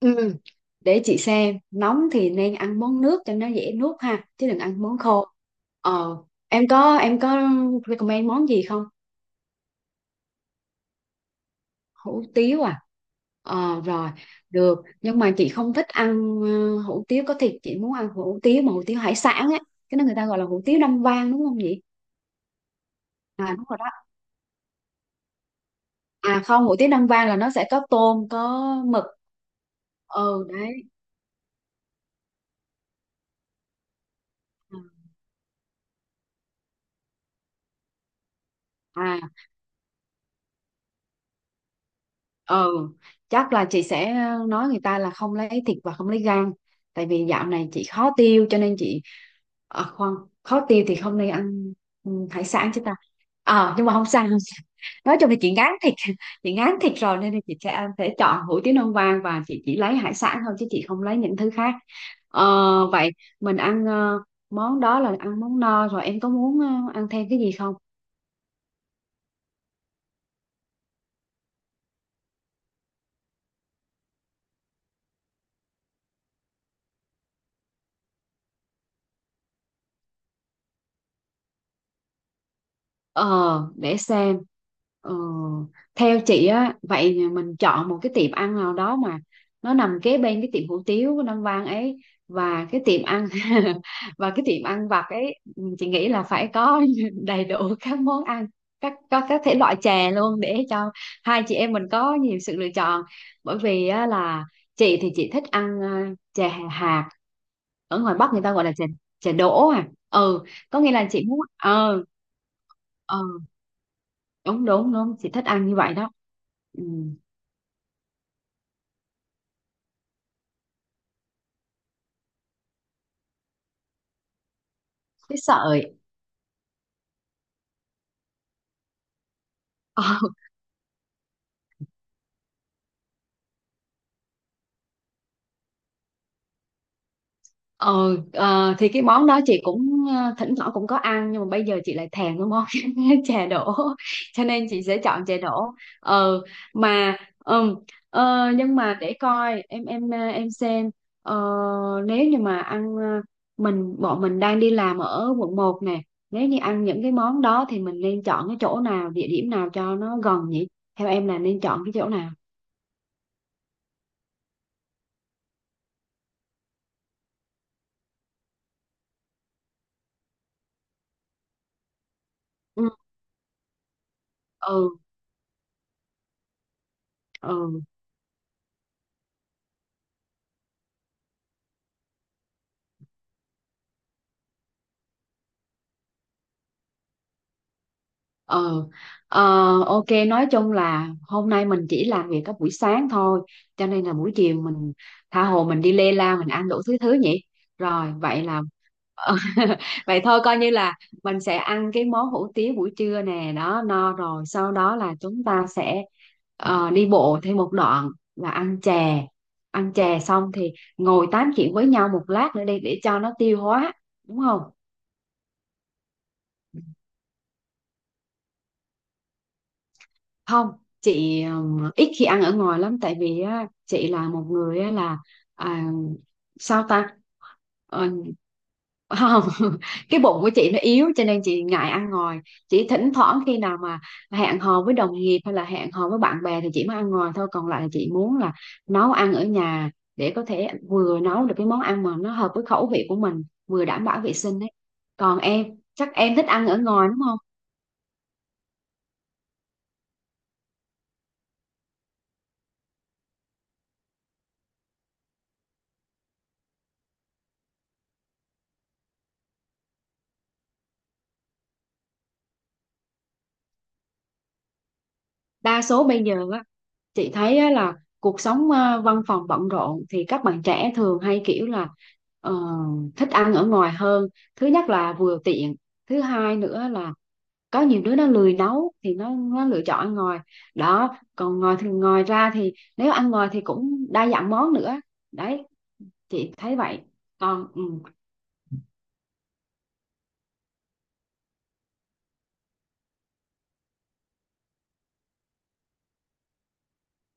Ừ, để chị xem nóng thì nên ăn món nước cho nó dễ nuốt ha chứ đừng ăn món khô. ờ em có recommend món gì không? Hủ tiếu à? Rồi, được nhưng mà chị không thích ăn hủ tiếu có thịt, chị muốn ăn hủ tiếu mà hủ tiếu hải sản á. Cái đó người ta gọi là hủ tiếu Nam Vang đúng không chị? À đúng rồi đó. À không, hủ tiếu Nam Vang là nó sẽ có tôm có mực. Ừ đấy. À ừ, chắc là chị sẽ nói người ta là không lấy thịt và không lấy gan, tại vì dạo này chị khó tiêu cho nên chị... à khoan, khó tiêu thì không nên ăn. Ừ, hải sản chứ ta. Nhưng mà không sao không sao. Nói chung là chị ngán thịt, chị ngán thịt rồi nên là chị sẽ ăn sẽ chọn hủ tiếu non vàng và chị chỉ lấy hải sản thôi chứ chị không lấy những thứ khác. Ờ Vậy mình ăn món đó là ăn món no rồi, em có muốn ăn thêm cái gì không? Ờ, để xem. Ờ, Theo chị á, vậy mình chọn một cái tiệm ăn nào đó mà nó nằm kế bên cái tiệm hủ tiếu của Nam Vang ấy, và cái tiệm ăn và cái tiệm ăn vặt ấy, chị nghĩ là phải có đầy đủ các món ăn, có các thể loại chè luôn để cho hai chị em mình có nhiều sự lựa chọn. Bởi vì á, là chị thì chị thích ăn chè hạt, ở ngoài Bắc người ta gọi là chè chè đỗ à ừ. Có nghĩa là chị muốn ờ đúng đúng đúng chị thích ăn như vậy đó. Ừ, cái sợi. ờ ờ, thì cái món đó chị cũng thỉnh thoảng cũng có ăn nhưng mà bây giờ chị lại thèm cái món chè đỗ, cho nên chị sẽ chọn chè đỗ. ờ mà ừm, nhưng mà để coi em xem. Ờ, Nếu như mà ăn bọn mình đang đi làm ở quận một nè, nếu như ăn những cái món đó thì mình nên chọn cái chỗ nào, địa điểm nào cho nó gần nhỉ? Theo em là nên chọn cái chỗ nào? Ừ. Ừ. Ừ. Ờ, ờ, ok, nói chung là hôm nay mình chỉ làm việc các buổi sáng thôi, cho nên là buổi chiều mình tha hồ mình đi lê la mình ăn đủ thứ thứ nhỉ. Rồi vậy là. Ờ, vậy thôi coi như là mình sẽ ăn cái món hủ tiếu buổi trưa nè, đó no rồi sau đó là chúng ta sẽ đi bộ thêm một đoạn và ăn chè, ăn chè xong thì ngồi tám chuyện với nhau một lát nữa đi để cho nó tiêu hóa, đúng không? Không, chị ít khi ăn ở ngoài lắm tại vì á, chị là một người á, là à, sao ta. Ờ, Không, cái bụng của chị nó yếu cho nên chị ngại ăn ngoài, chỉ thỉnh thoảng khi nào mà hẹn hò với đồng nghiệp hay là hẹn hò với bạn bè thì chị mới ăn ngoài thôi, còn lại là chị muốn là nấu ăn ở nhà để có thể vừa nấu được cái món ăn mà nó hợp với khẩu vị của mình, vừa đảm bảo vệ sinh đấy. Còn em chắc em thích ăn ở ngoài đúng không? Đa số bây giờ chị thấy á, là cuộc sống văn phòng bận rộn thì các bạn trẻ thường hay kiểu là ờ, thích ăn ở ngoài hơn. Thứ nhất là vừa tiện, thứ hai nữa là có nhiều đứa nó lười nấu thì nó lựa chọn ăn ngoài đó, còn ngoài ra thì nếu ăn ngoài thì cũng đa dạng món nữa đấy, chị thấy vậy. Còn ừ,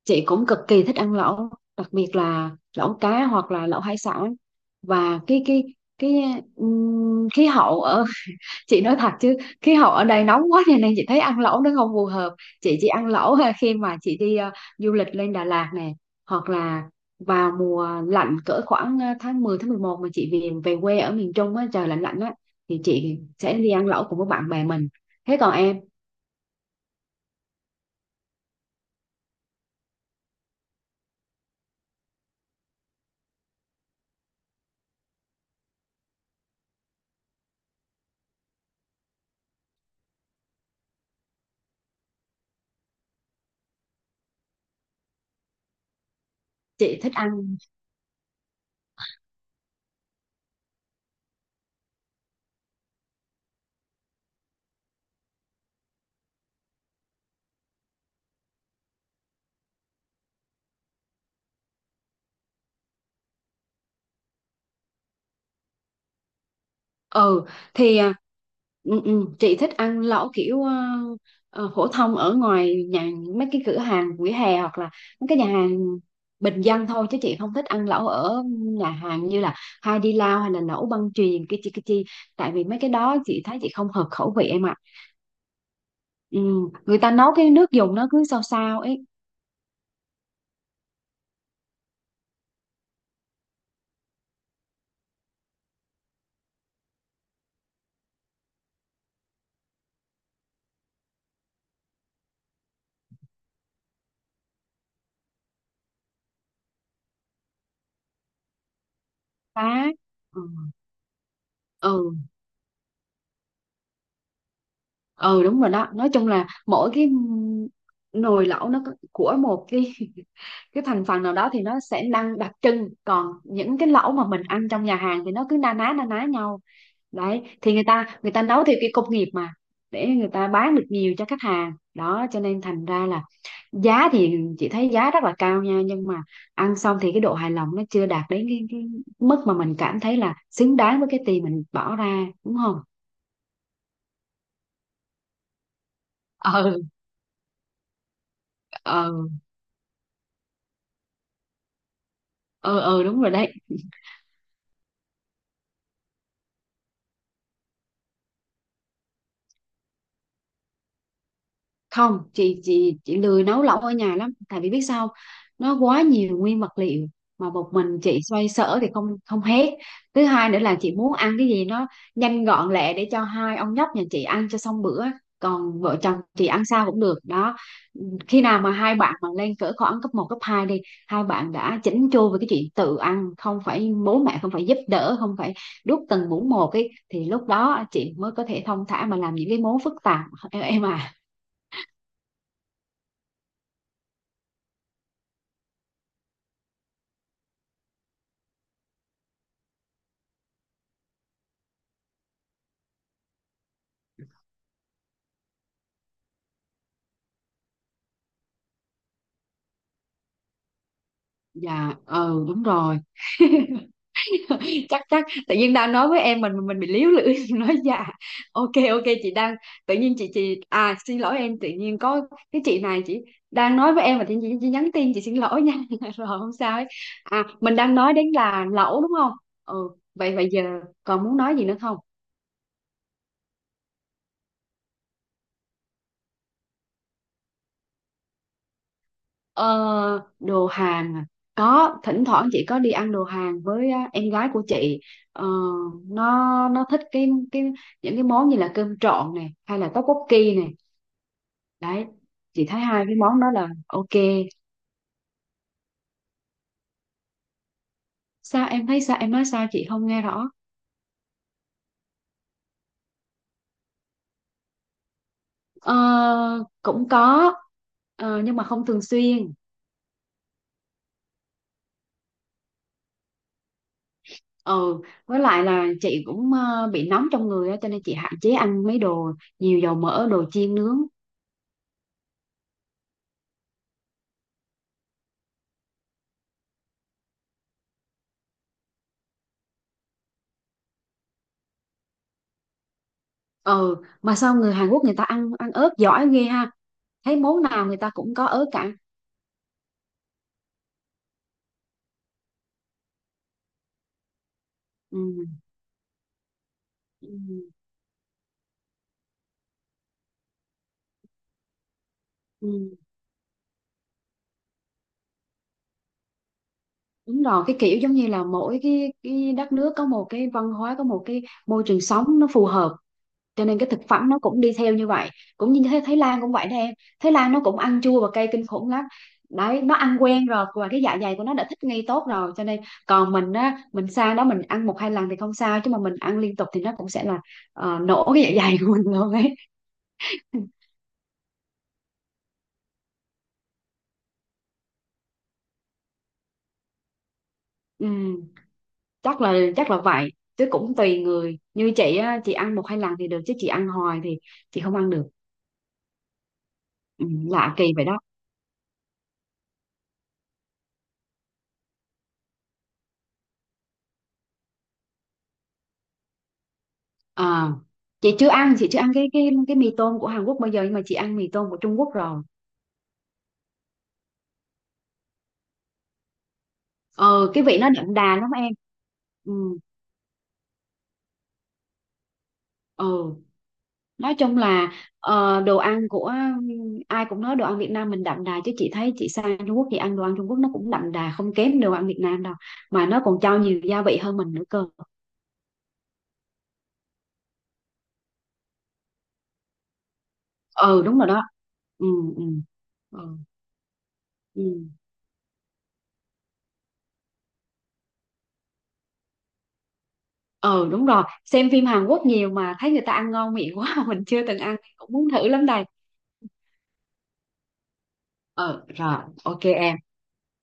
chị cũng cực kỳ thích ăn lẩu, đặc biệt là lẩu cá hoặc là lẩu hải sản. Và cái khí hậu ở, chị nói thật chứ khí hậu ở đây nóng quá cho nên chị thấy ăn lẩu nó không phù hợp, chị chỉ ăn lẩu ha khi mà chị đi du lịch lên Đà Lạt nè, hoặc là vào mùa lạnh cỡ khoảng tháng 10, tháng 11 mà chị về về quê ở miền Trung á, trời lạnh lạnh á thì chị sẽ đi ăn lẩu cùng với bạn bè mình. Thế còn em? Chị thích ăn. Ừ thì à, ừ, ừ, chị thích ăn lẩu kiểu phổ thông ở ngoài nhà, mấy cái cửa hàng vỉa hè hoặc là mấy cái nhà hàng bình dân thôi chứ chị không thích ăn lẩu ở nhà hàng như là Hai Đi Lao hay là lẩu băng chuyền cái chi cái chi, tại vì mấy cái đó chị thấy chị không hợp khẩu vị em ạ. Ừ, người ta nấu cái nước dùng nó cứ sao sao ấy. Phá. Ừ. Ừ. Ừ đúng rồi đó, nói chung là mỗi cái nồi lẩu nó của một cái cái thành phần nào đó thì nó sẽ năng đặc trưng, còn những cái lẩu mà mình ăn trong nhà hàng thì nó cứ na ná nhau. Đấy thì người ta nấu theo cái công nghiệp mà, để người ta bán được nhiều cho khách hàng đó, cho nên thành ra là giá thì chị thấy giá rất là cao nha, nhưng mà ăn xong thì cái độ hài lòng nó chưa đạt đến cái mức mà mình cảm thấy là xứng đáng với cái tiền mình bỏ ra đúng không? Ừ. Ừ. Ừ. Ừ đúng rồi đấy. Không, chị lười nấu lẩu ở nhà lắm tại vì biết sao không? Nó quá nhiều nguyên vật liệu mà một mình chị xoay sở thì không không hết. Thứ hai nữa là chị muốn ăn cái gì nó nhanh gọn lẹ để cho hai ông nhóc nhà chị ăn cho xong bữa, còn vợ chồng chị ăn sao cũng được đó. Khi nào mà hai bạn mà lên cỡ khoảng cấp một cấp 2 đi, hai bạn đã chỉnh chu về cái chuyện tự ăn, không phải bố mẹ, không phải giúp đỡ, không phải đút từng muỗng một ấy thì lúc đó chị mới có thể thong thả mà làm những cái món phức tạp em à. Dạ ừ đúng rồi. chắc chắc tự nhiên đang nói với em mình bị líu lưỡi, nói dạ. Ok ok, chị đang, tự nhiên chị à xin lỗi em, tự nhiên có cái chị này, chị đang nói với em mà tự nhiên chị nhắn tin, chị xin lỗi nha. Rồi không sao ấy. À mình đang nói đến là lẩu đúng không? Ừ, vậy vậy giờ còn muốn nói gì nữa không? Ờ, Đồ Hàn à? Có, thỉnh thoảng chị có đi ăn đồ Hàn với á, em gái của chị. Ờ, nó nó thích cái những cái món như là cơm trộn này hay là tteokbokki này. Đấy, chị thấy hai cái món đó là ok. Sao? Em thấy sao? Em nói sao? Chị không nghe rõ. Ờ, Cũng có, nhưng mà không thường xuyên. Ừ, với lại là chị cũng bị nóng trong người á, cho nên chị hạn chế ăn mấy đồ nhiều dầu mỡ, đồ chiên nướng. Ừ, mà sao người Hàn Quốc người ta ăn ăn ớt giỏi ghê ha, thấy món nào người ta cũng có ớt cả. Ừ. Ừ. Ừ. Đúng rồi, cái kiểu giống như là mỗi cái đất nước có một cái văn hóa, có một cái môi trường sống nó phù hợp, cho nên cái thực phẩm nó cũng đi theo như vậy. Cũng như thế Thái Lan cũng vậy đó em, Thái Lan nó cũng ăn chua và cay kinh khủng lắm. Đấy, nó ăn quen rồi và cái dạ dày của nó đã thích nghi tốt rồi, cho nên còn mình á, mình sang đó mình ăn một hai lần thì không sao chứ mà mình ăn liên tục thì nó cũng sẽ là nổ cái dạ dày của mình luôn ấy. Ừ, chắc là vậy, chứ cũng tùy người, như chị á, chị ăn một hai lần thì được chứ chị ăn hoài thì chị không ăn được. Ừ, lạ kỳ vậy đó. À, chị chưa ăn cái mì tôm của Hàn Quốc bao giờ nhưng mà chị ăn mì tôm của Trung Quốc rồi. Ừ, cái vị nó đậm đà lắm em. Ừ, ừ. Nói chung là đồ ăn của, ai cũng nói đồ ăn Việt Nam mình đậm đà chứ chị thấy chị sang Trung Quốc thì ăn đồ ăn Trung Quốc nó cũng đậm đà không kém đồ ăn Việt Nam đâu, mà nó còn cho nhiều gia vị hơn mình nữa cơ. Ừ đúng rồi đó. Ừ. Ừ. Ừ. Ừ. Ừ đúng rồi, xem phim Hàn Quốc nhiều mà thấy người ta ăn ngon miệng quá, mình chưa từng ăn cũng muốn thử lắm đây. Ờ Rồi, ok em.